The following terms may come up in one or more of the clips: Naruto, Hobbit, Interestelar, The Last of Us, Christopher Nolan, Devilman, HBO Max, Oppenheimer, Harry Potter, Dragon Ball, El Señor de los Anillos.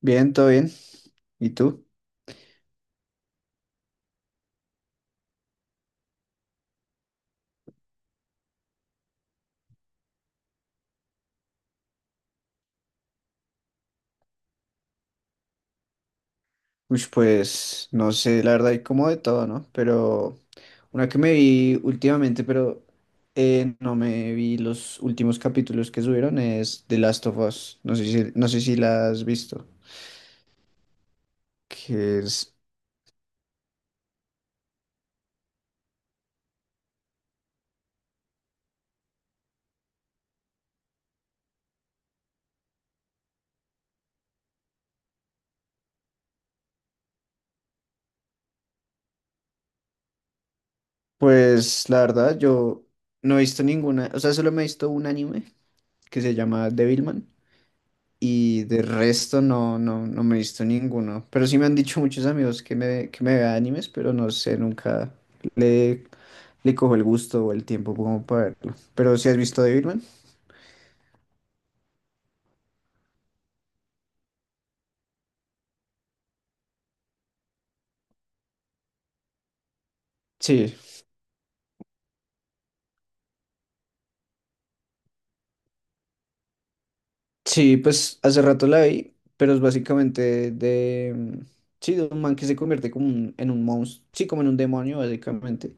Bien, todo bien. ¿Y tú? Ush, pues no sé, la verdad hay como de todo, ¿no? Pero una que me vi últimamente, no me vi los últimos capítulos que subieron es The Last of Us. No sé si la has visto. Que es, pues la verdad yo no he visto ninguna, o sea, solo me he visto un anime que se llama Devilman. Y de resto no, no, no me he visto ninguno. Pero sí me han dicho muchos amigos que me vea animes, pero no sé, nunca le, le cojo el gusto o el tiempo como para verlo. ¿Pero si has visto Devilman? Sí. Sí, pues hace rato la vi, pero es básicamente de, sí, de un man que se convierte como en un monstruo, sí, como en un demonio básicamente.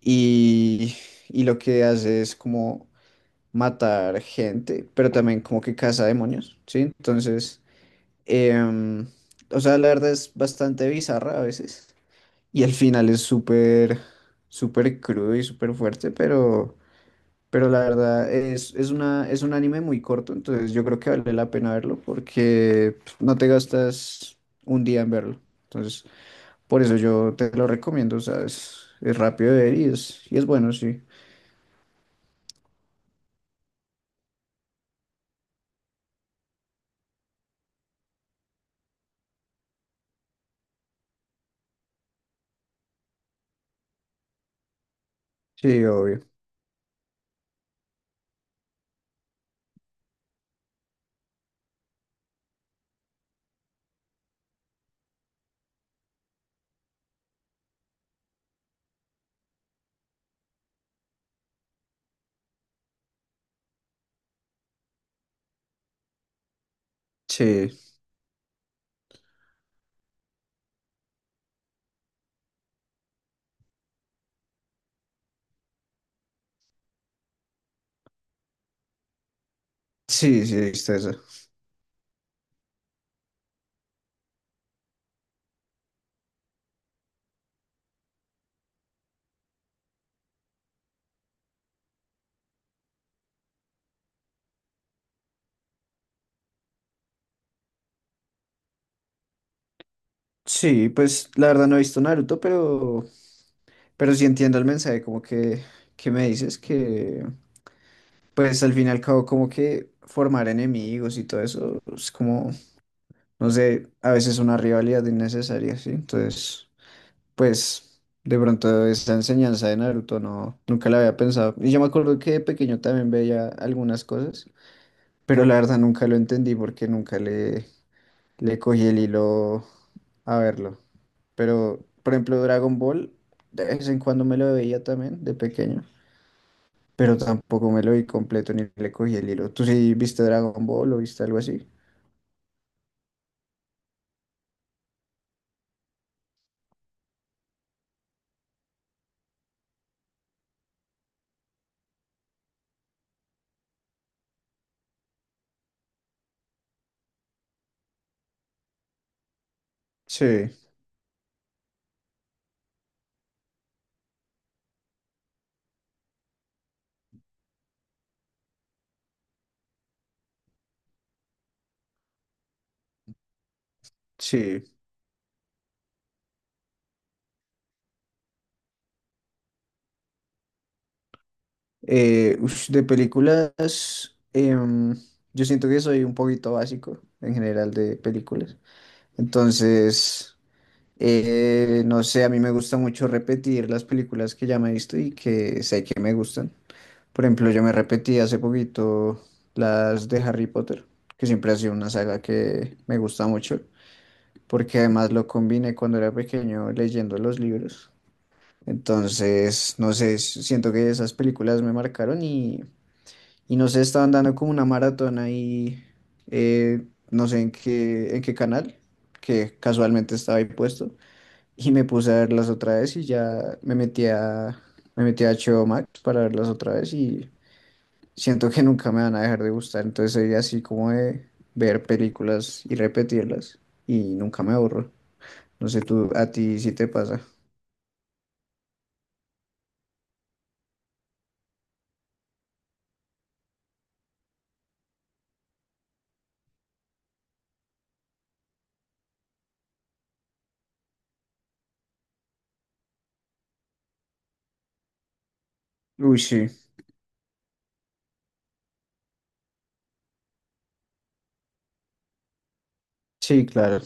Y, y lo que hace es como matar gente, pero también como que caza demonios, ¿sí? Entonces. Em, o sea, la verdad es bastante bizarra a veces. Y el final es súper, súper crudo y súper fuerte, pero la verdad es un anime muy corto, entonces yo creo que vale la pena verlo porque pues, no te gastas un día en verlo. Entonces, por eso yo te lo recomiendo, ¿sabes? Es rápido de ver y es bueno, sí. Sí, obvio. Sí, sí, sí, está eso. Sí, pues la verdad no he visto Naruto, pero sí entiendo el mensaje, como que me dices que, pues al fin y al cabo, como que formar enemigos y todo eso es como, no sé, a veces una rivalidad innecesaria, ¿sí? Entonces, pues de pronto esa enseñanza de Naruto no, nunca la había pensado. Y yo me acuerdo que de pequeño también veía algunas cosas, pero la verdad nunca lo entendí porque nunca le cogí el hilo a verlo. Pero, por ejemplo, Dragon Ball, de vez en cuando me lo veía también de pequeño. Pero tampoco me lo vi completo ni le cogí el hilo. ¿Tú sí viste Dragon Ball o viste algo así? Sí, sí. Ush, de películas, yo siento que soy un poquito básico en general de películas. Entonces, no sé, a mí me gusta mucho repetir las películas que ya me he visto y que sé que me gustan. Por ejemplo, yo me repetí hace poquito las de Harry Potter, que siempre ha sido una saga que me gusta mucho, porque además lo combiné cuando era pequeño leyendo los libros. Entonces, no sé, siento que esas películas me marcaron y no sé, estaban dando como una maratón ahí, eh, no sé en qué canal, que casualmente estaba ahí puesto, y me puse a verlas otra vez y ya me metí a HBO Max para verlas otra vez y siento que nunca me van a dejar de gustar, entonces soy así como de ver películas y repetirlas y nunca me aburro. No sé, tú, a ti sí te pasa. Uy, sí, sí, claro.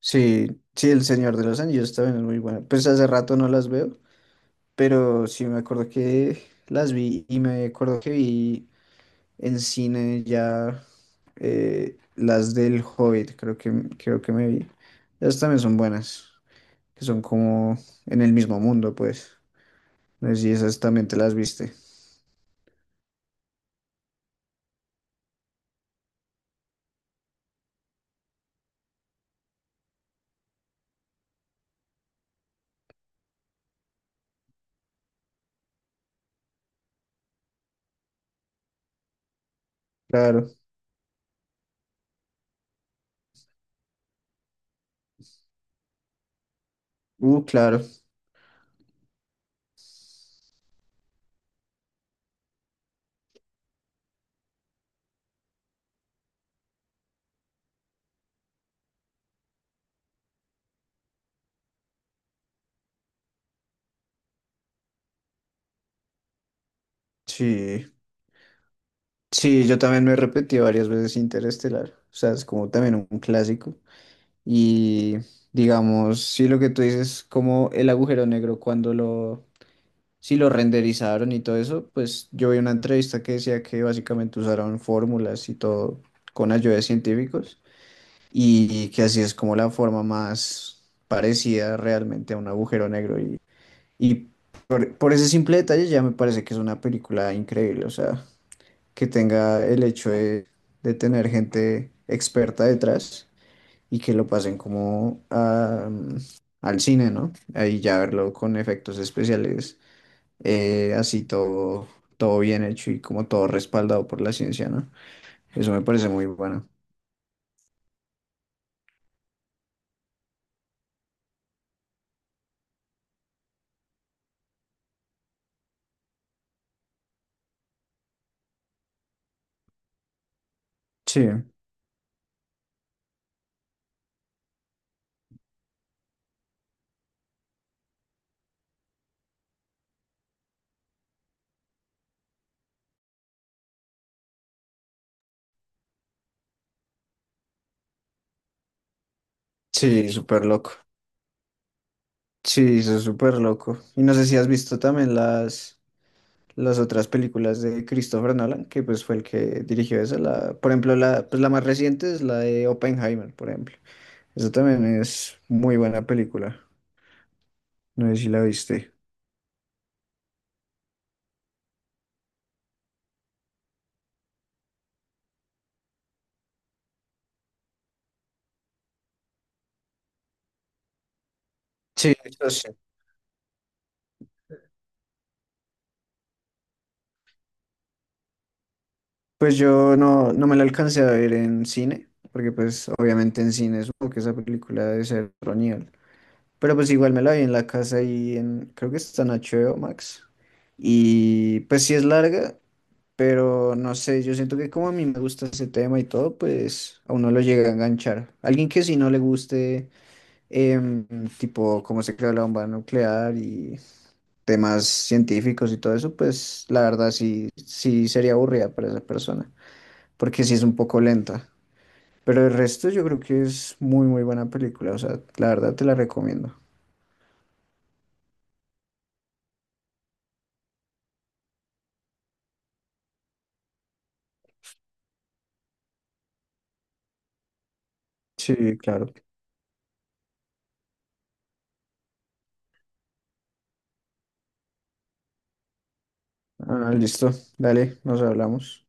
Sí, sí, El Señor de los Anillos también es muy bueno. Pues hace rato no las veo, pero sí me acuerdo que las vi y me acuerdo que vi en cine ya, las del Hobbit, creo que me vi. Esas también son buenas, que son como en el mismo mundo, pues. No sé si esas también te las viste. Claro. Claro. Sí. Sí, yo también me he repetido varias veces Interestelar. O sea, es como también un clásico. Y digamos, sí, lo que tú dices, como el agujero negro, cuando sí lo renderizaron y todo eso, pues yo vi una entrevista que decía que básicamente usaron fórmulas y todo con ayuda de científicos y que así es como la forma más parecida realmente a un agujero negro. Y por ese simple detalle ya me parece que es una película increíble. O sea, que tenga el hecho de tener gente experta detrás y que lo pasen como al cine, ¿no? Ahí ya verlo con efectos especiales, así todo, todo bien hecho y como todo respaldado por la ciencia, ¿no? Eso me parece muy bueno. Sí, sí, súper loco. Sí, eso es súper loco. Y no sé si has visto también las otras películas de Christopher Nolan, que pues fue el que dirigió esa. Por ejemplo, pues la más reciente es la de Oppenheimer, por ejemplo. Esa también es muy buena película. No sé si la viste. Sí, yo sé. Pues yo no me la alcancé a ver en cine, porque pues obviamente en cine supongo que esa película debe ser otro nivel. Pero pues igual me la vi en la casa y creo que está en HBO Max. Y pues sí es larga, pero no sé, yo siento que como a mí me gusta ese tema y todo, pues a uno lo llega a enganchar. Alguien que si no le guste, em, tipo cómo se creó la bomba nuclear y temas científicos y todo eso, pues la verdad sí, sí sería aburrida para esa persona, porque sí es un poco lenta. Pero el resto yo creo que es muy, muy buena película, o sea, la verdad te la recomiendo. Sí, claro. Ah, listo, dale, nos hablamos.